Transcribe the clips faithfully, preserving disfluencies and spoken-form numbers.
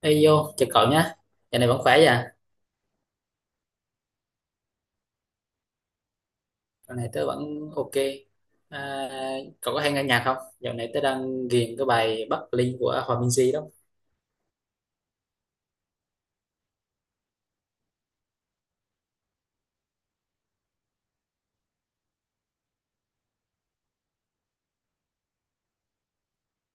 Ê vô, chào cậu nhé. Dạo này vẫn khỏe vậy à? Dạo này tớ vẫn ok. À, cậu có hay nghe nhạc không? Dạo này tớ đang ghiền cái bài Bắc Linh của Hòa Minzy đó.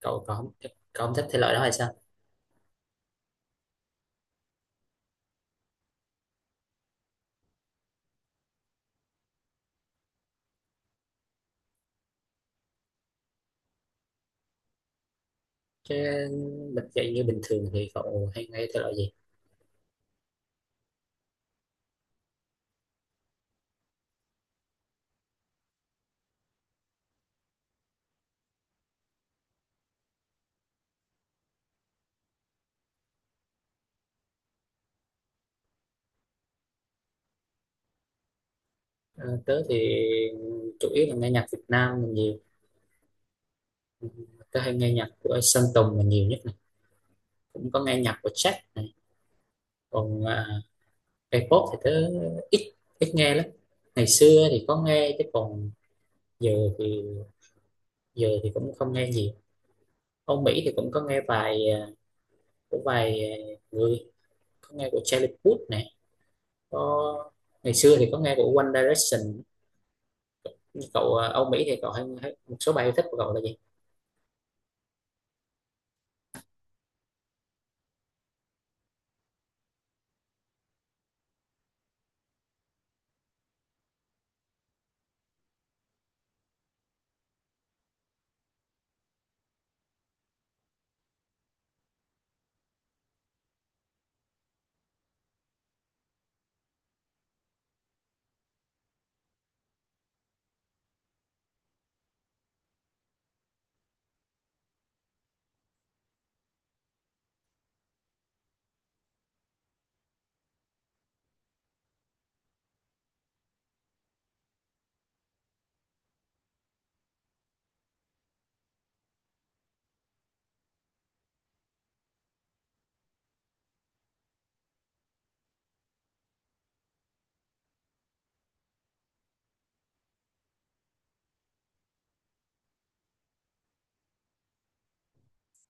Cậu cậu không cậu không thích thể loại đó hay sao? Chứ bật dậy như bình thường thì cậu hay nghe thể loại gì? Ờ, Tớ thì chủ yếu là nghe nhạc Việt Nam là nhiều. Ừ. Tớ hay nghe nhạc của Sơn Tùng là nhiều nhất này. Cũng có nghe nhạc của Jack này. Còn à, K-pop thì tớ ít ít nghe lắm. Ngày xưa thì có nghe chứ còn giờ thì giờ thì cũng không nghe nhiều. Âu Mỹ thì cũng có nghe vài à, của vài à, người, có nghe của Charlie Puth này, có ngày xưa thì có nghe của One Direction. Nhưng cậu à, Âu Mỹ thì cậu hay, hay một số bài yêu thích của cậu là gì?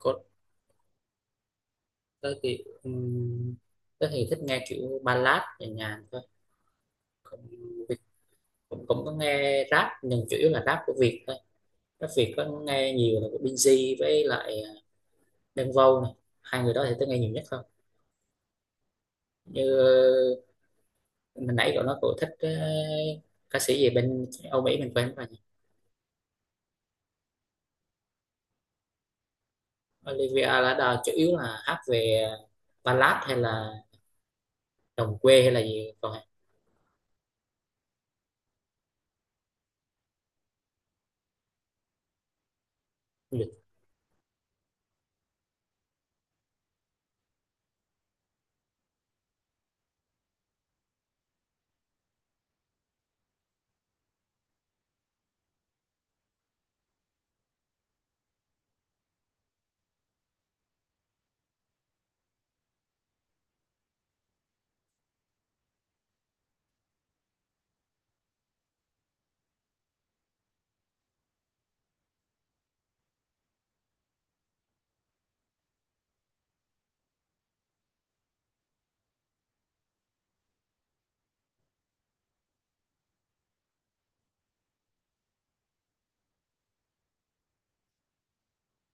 Có, tớ thì um, tớ thì thích nghe kiểu ballad nhẹ nhàng thôi, cũng, cũng, cũng có nghe rap nhưng chủ yếu là rap của Việt thôi. Rap Việt có nghe nhiều là của Binz với lại Đen Vâu này, hai người đó thì tớ nghe nhiều nhất thôi. Như mình nãy cậu nói cậu thích ờ, ca sĩ gì bên Âu Mỹ mình quên rồi nhỉ? Olivia Ladar chủ yếu là hát về ballad hay là đồng quê hay là gì, còn du lịch?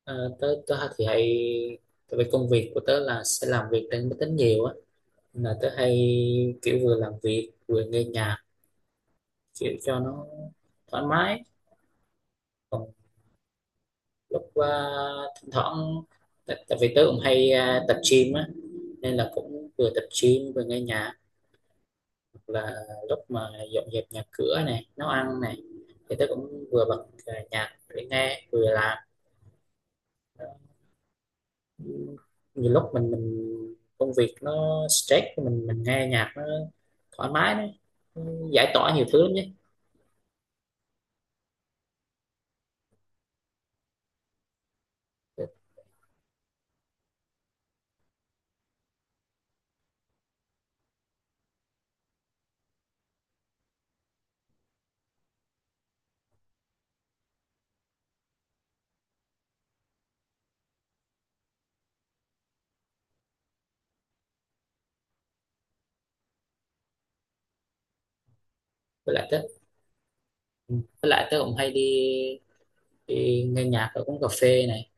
ờ, tớ tớ thì hay, tại vì công việc của tớ là sẽ làm việc trên máy tính nhiều á, nên là tớ hay kiểu vừa làm việc vừa nghe nhạc kiểu cho nó thoải mái. Còn lúc ờ, thỉnh thoảng tại, tại vì tớ cũng hay ờ, tập gym á nên là cũng vừa tập gym vừa nghe nhạc, là lúc mà dọn dẹp nhà cửa này, nấu ăn này thì tớ cũng vừa bật à, nhạc để nghe vừa làm. Nhiều lúc mình mình công việc nó stress, mình mình nghe nhạc nó thoải mái đấy, nó giải tỏa nhiều thứ lắm nhé. Với lại tớ Ừ. Với lại tớ cũng hay đi, đi nghe nhạc ở quán cà phê này.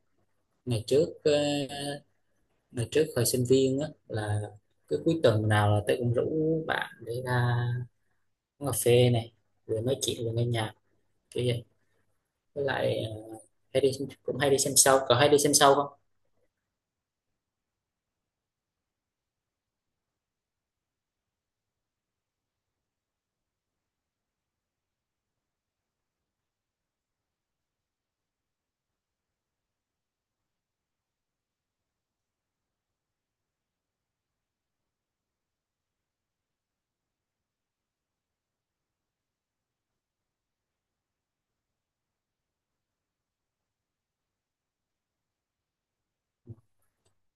Ngày trước ờ, ngày trước thời sinh viên á là cứ cuối tuần nào là tớ cũng rủ bạn để ra quán cà phê này, vừa nói chuyện vừa nghe nhạc kiểu vậy. Với lại ờ, hay đi cũng hay đi xem show. Cậu hay đi xem show không?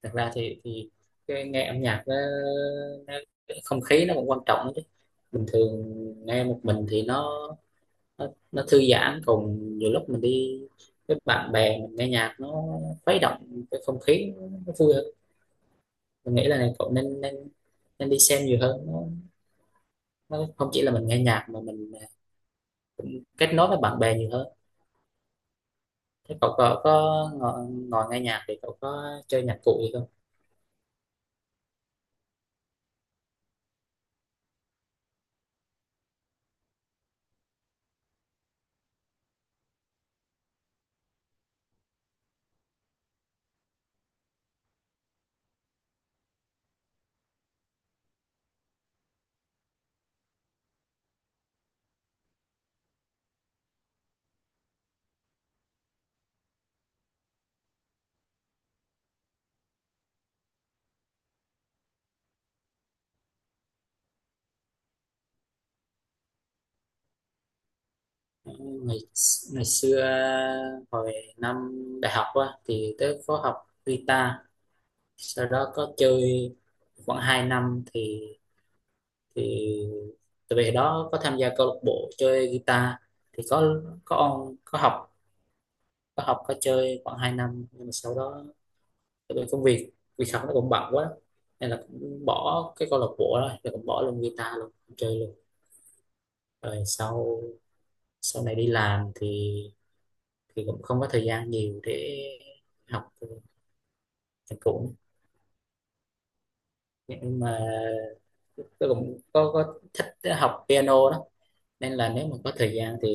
Thật ra thì thì cái, nghe âm nhạc nó, nó cái không khí nó cũng quan trọng lắm chứ. Bình thường nghe một mình thì nó nó, nó thư giãn, còn nhiều lúc mình đi với bạn bè mình nghe nhạc nó khuấy động cái không khí, nó vui hơn. Mình nghĩ là này, cậu nên nên nên đi xem nhiều hơn, nó, nó không chỉ là mình nghe nhạc mà mình à, kết nối với bạn bè nhiều hơn. Thế cậu có, có ngồi, ngồi nghe nhạc thì cậu có chơi nhạc cụ gì không? Ngày Ngày xưa hồi năm đại học á thì tớ có học guitar, sau đó có chơi khoảng hai năm thì thì từ về đó có tham gia câu lạc bộ chơi guitar, thì có có on, có học, có học có chơi khoảng hai năm nhưng mà sau đó tại vì công việc việc học nó cũng bận quá nên là cũng bỏ cái câu lạc bộ đó, rồi cũng bỏ luôn guitar luôn, không chơi luôn. Rồi sau sau này đi làm thì thì cũng không có thời gian nhiều để học nhạc cụ, nhưng mà tôi cũng có, có thích học piano đó, nên là nếu mà có thời gian thì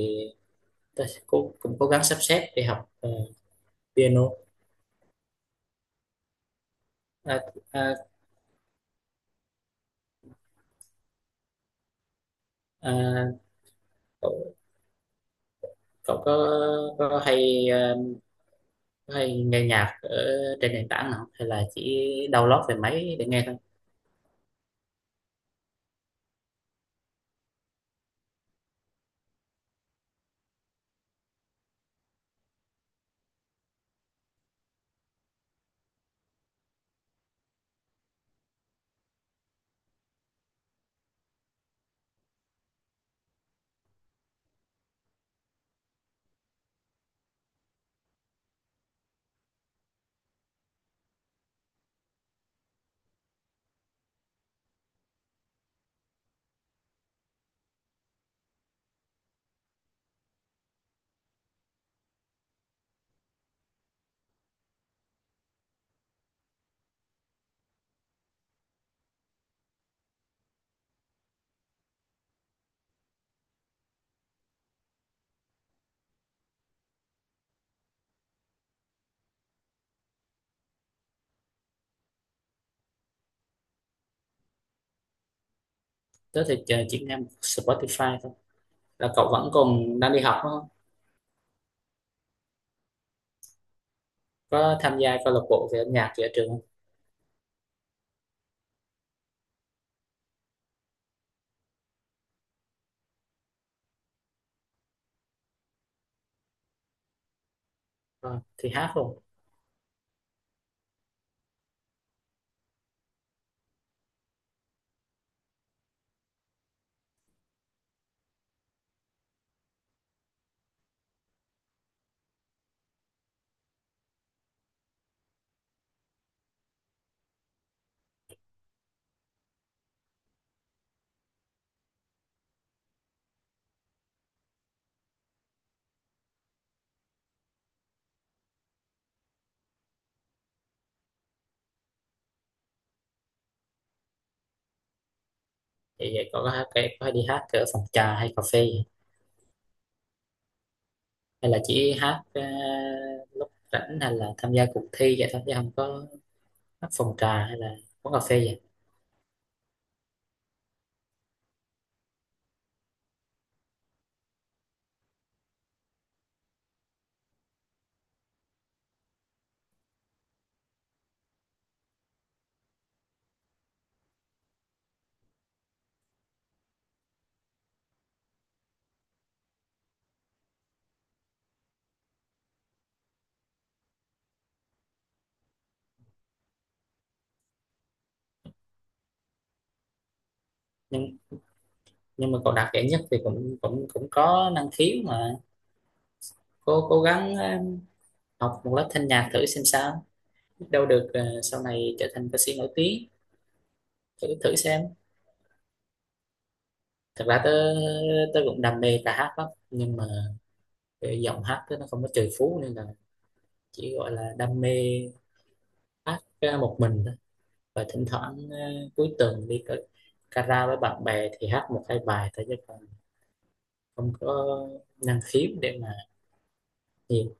tôi sẽ cố, cũng cố gắng sắp xếp để học ờ, piano. à, à, à, cậu, cậu có có hay ờ, có hay nghe nhạc ở trên nền tảng nào không? Hay là chỉ download về máy để nghe thôi? Tớ thì chỉ chỉ nghe Spotify thôi. Là cậu vẫn còn đang đi học đúng không? Có tham gia câu lạc bộ về âm nhạc gì ở trường không? Ờ, thì hát không? Thì có hát, cái có đi hát ở phòng trà hay cà phê, hay là chỉ hát ờ, lúc rảnh, hay là tham gia cuộc thi vậy thôi chứ không có hát phòng trà hay là quán cà phê vậy? nhưng nhưng mà cậu đạt giải nhất thì cũng cũng cũng có năng khiếu mà, cố cố gắng ờ, học một lớp thanh nhạc thử xem sao, biết đâu được ờ, sau này trở thành ca sĩ nổi tiếng, thử thử xem. Thật ra tớ tớ cũng đam mê ca hát lắm nhưng mà cái giọng hát tớ nó không có trời phú nên là chỉ gọi là đam mê hát ờ, một mình thôi, và thỉnh thoảng ờ, cuối tuần đi ca- kara với bạn bè thì hát một hai bài thôi chứ còn không có năng khiếu để mà nhiều.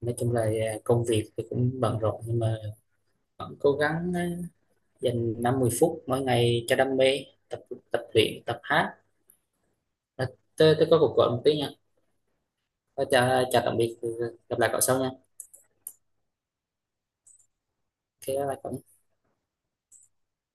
Nói chung là ờ, công việc thì cũng bận rộn nhưng mà vẫn cố gắng ờ, dành năm mươi phút mỗi ngày cho đam mê, tập tập luyện tập hát. à, tôi, tôi có cuộc gọi một tí nha. Ờ, chào chào tạm biệt, gặp lại cậu sau nha. Ok, bye bye cậu.